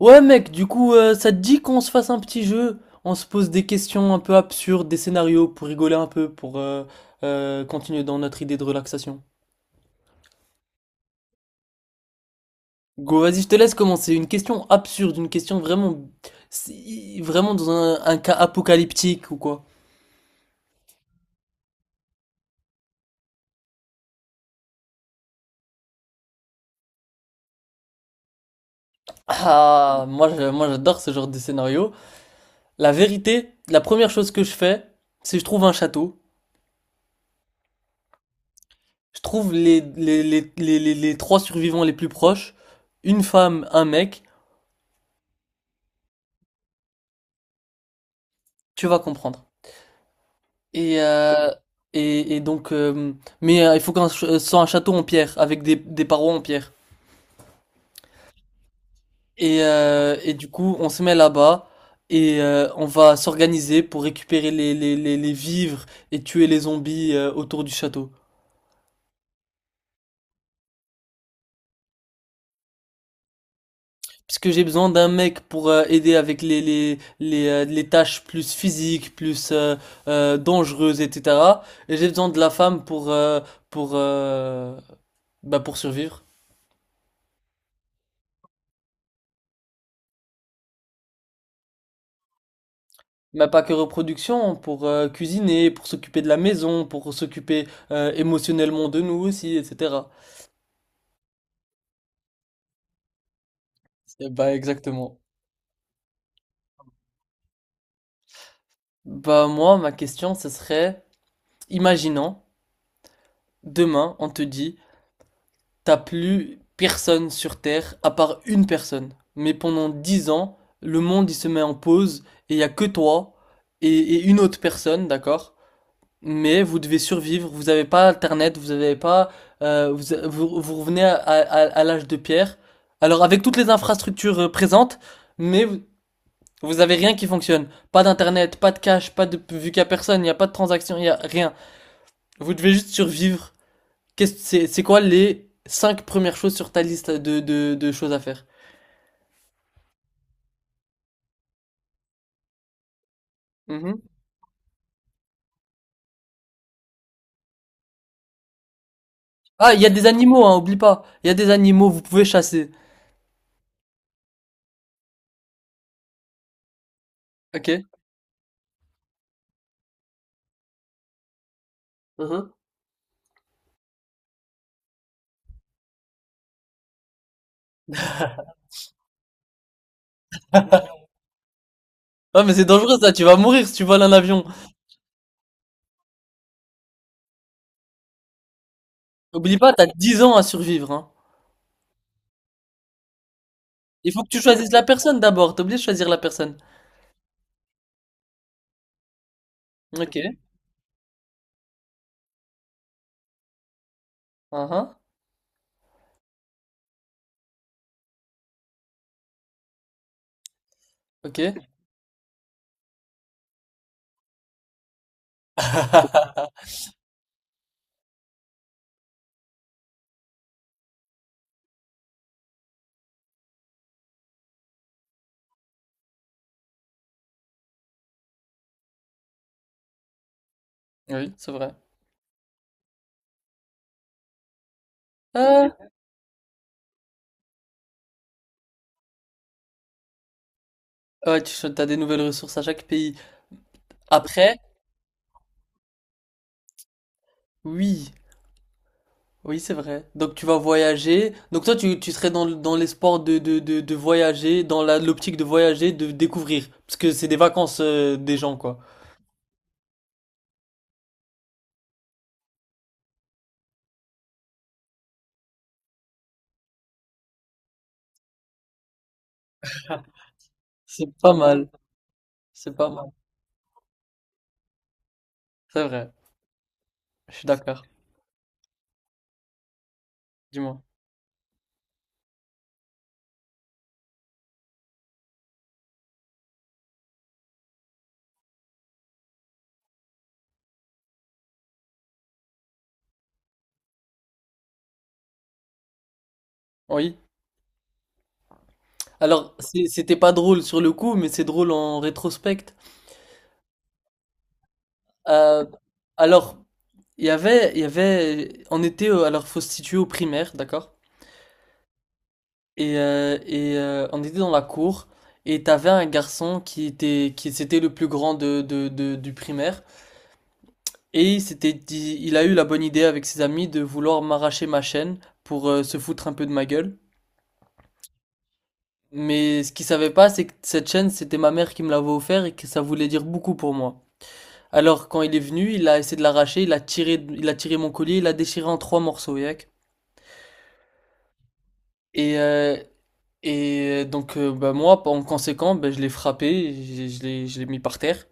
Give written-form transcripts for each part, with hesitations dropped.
Ouais mec, du coup, ça te dit qu'on se fasse un petit jeu? On se pose des questions un peu absurdes, des scénarios pour rigoler un peu, pour continuer dans notre idée de relaxation. Go, vas-y, je te laisse commencer. Une question absurde, une question vraiment, vraiment dans un cas apocalyptique ou quoi. Ah, moi, moi j'adore ce genre de scénario. La vérité, la première chose que je fais, c'est je trouve un château. Je trouve les trois survivants les plus proches, une femme, un mec. Tu vas comprendre. Et, euh, et donc, mais il faut qu'on soit un château en pierre, avec des parois en pierre. Et du coup, on se met là-bas et on va s'organiser pour récupérer les vivres et tuer les zombies autour du château. Parce que j'ai besoin d'un mec pour aider avec les tâches plus physiques, plus dangereuses, etc. Et j'ai besoin de la femme pour, euh, bah, pour survivre. Bah, pas que reproduction, pour cuisiner, pour s'occuper de la maison, pour s'occuper émotionnellement de nous aussi, etc. Eh bah exactement. Bah moi, ma question, ce serait, imaginons, demain, on te dit, t'as plus personne sur Terre à part une personne. Mais pendant 10 ans, le monde, il se met en pause et il y a que toi et une autre personne, d'accord? Mais vous devez survivre, vous n'avez pas Internet, vous n'avez pas, vous, vous, vous revenez à l'âge de pierre. Alors avec toutes les infrastructures présentes, mais vous avez rien qui fonctionne. Pas d'internet, pas de cash, pas de vu qu'il y a personne, il n'y a pas de transaction, il y a rien. Vous devez juste survivre. Qu'est-ce c'est quoi les cinq premières choses sur ta liste de choses à faire? Mhm. Ah, il y a des animaux, hein, oublie pas. Il y a des animaux, vous pouvez chasser. Ok. Mhm. Ah mais c'est dangereux ça, tu vas mourir si tu voles un avion. N'oublie pas, t'as 10 ans à survivre, hein. Il faut que tu choisisses la personne d'abord. T'es obligé de choisir la personne. Ok. Uhum. Ok. Oui, c'est vrai. Euh, ouais, t'as des nouvelles ressources à chaque pays. Après, oui. Oui, c'est vrai. Donc tu vas voyager. Donc toi, tu serais dans l'espoir de voyager, dans l'optique de voyager, de découvrir. Parce que c'est des vacances des gens, quoi. C'est pas mal. C'est pas mal. C'est vrai. Je suis d'accord. Dis-moi. Oui. Alors, c'était pas drôle sur le coup, mais c'est drôle en rétrospect. Euh, alors, il y avait, on était, alors faut se situer au primaire, d'accord? Et on était dans la cour et t'avais un garçon qui c'était le plus grand du primaire et il a eu la bonne idée avec ses amis de vouloir m'arracher ma chaîne pour se foutre un peu de ma gueule. Mais ce qu'il savait pas, c'est que cette chaîne, c'était ma mère qui me l'avait offert et que ça voulait dire beaucoup pour moi. Alors quand il est venu, il a essayé de l'arracher, il a tiré mon collier, il l'a déchiré en trois morceaux, yak. Et, euh, donc, bah, moi, en conséquent, bah, je l'ai frappé, je l'ai mis par terre.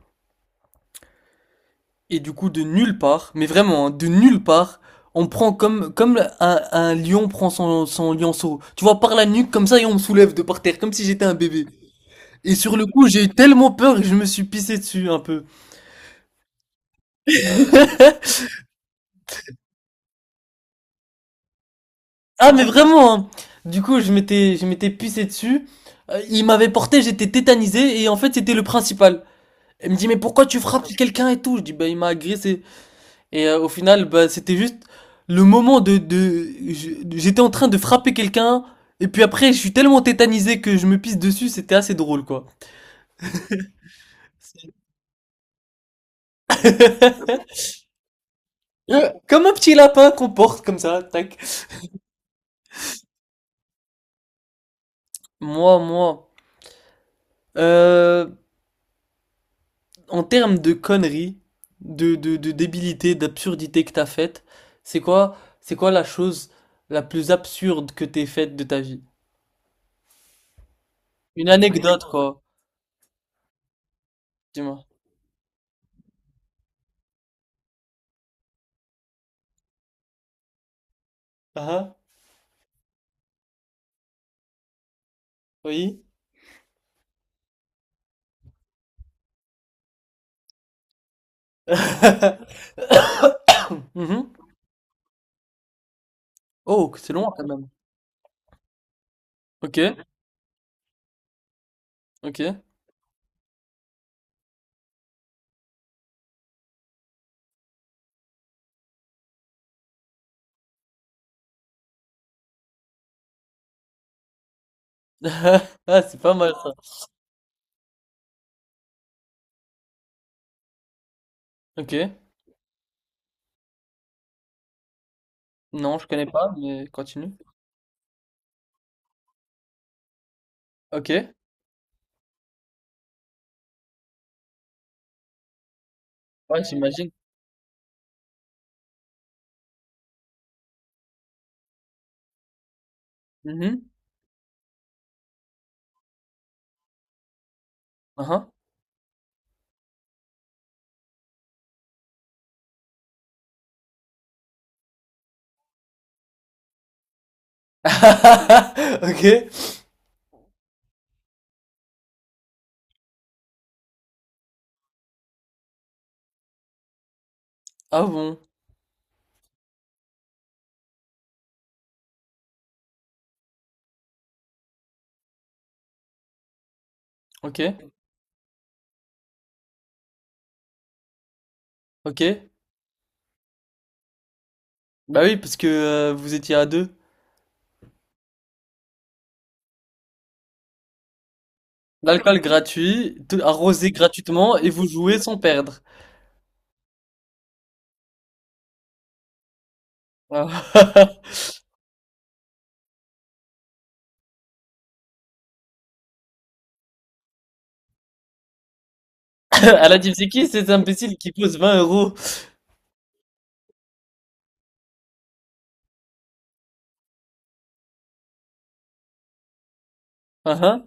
Et du coup, de nulle part, mais vraiment, hein, de nulle part, on prend comme un lion prend son lionceau. Tu vois, par la nuque, comme ça, et on me soulève de par terre, comme si j'étais un bébé. Et sur le coup, j'ai eu tellement peur que je me suis pissé dessus un peu. Ah, mais vraiment, hein. Du coup, je m'étais pissé dessus. Il m'avait porté, j'étais tétanisé, et en fait, c'était le principal. Il me dit, mais pourquoi tu frappes quelqu'un et tout? Je dis, bah, il m'a agressé. Et au final, bah, c'était juste le moment j'étais en train de frapper quelqu'un, et puis après, je suis tellement tétanisé que je me pisse dessus, c'était assez drôle, quoi. Comme un petit lapin qu'on porte comme ça, tac. Moi, moi, euh, En termes de conneries, de débilité, d'absurdité que t'as faite, c'est quoi la chose la plus absurde que t'aies faite de ta vie? Une anecdote, quoi. Dis-moi. Ah, ah, oui. Mhm. Oh, que c'est long quand même. Ok, ok. Ah, c'est pas mal ça. Ok. Non, je connais pas, mais continue. Ok. Ouais, j'imagine. Mhm. Aha. Ok. Ah bon. Ok. Ok. Bah oui, parce que vous étiez à deux. L'alcool gratuit, arrosé gratuitement et vous jouez sans perdre. Ah. À la team, c'est qui cet imbécile qui pose 20 euros? Aha.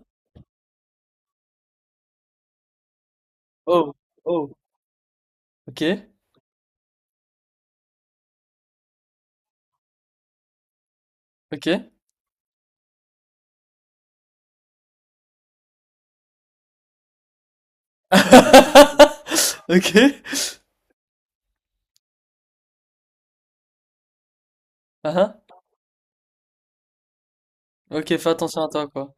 Oh, oh. Ok, ok. Ok. Aha. Ok, fais attention à toi, quoi.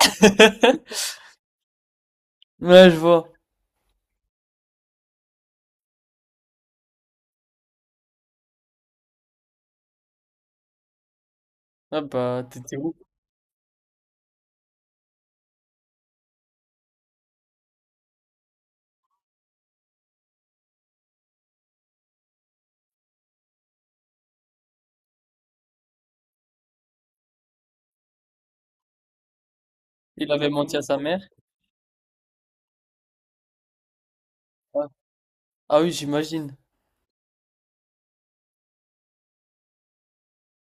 Ouais, je vois. Ah bah, t'étais où? Il avait menti à sa mère? Ah, Ah oui, j'imagine.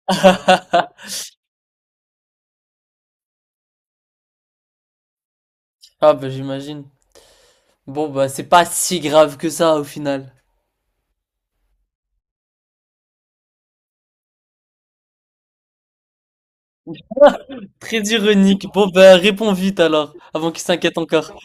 Ah bah, j'imagine. Bon bah, c'est pas si grave que ça, au final. Très ironique. Bon bah, réponds vite alors, avant qu'il s'inquiète encore.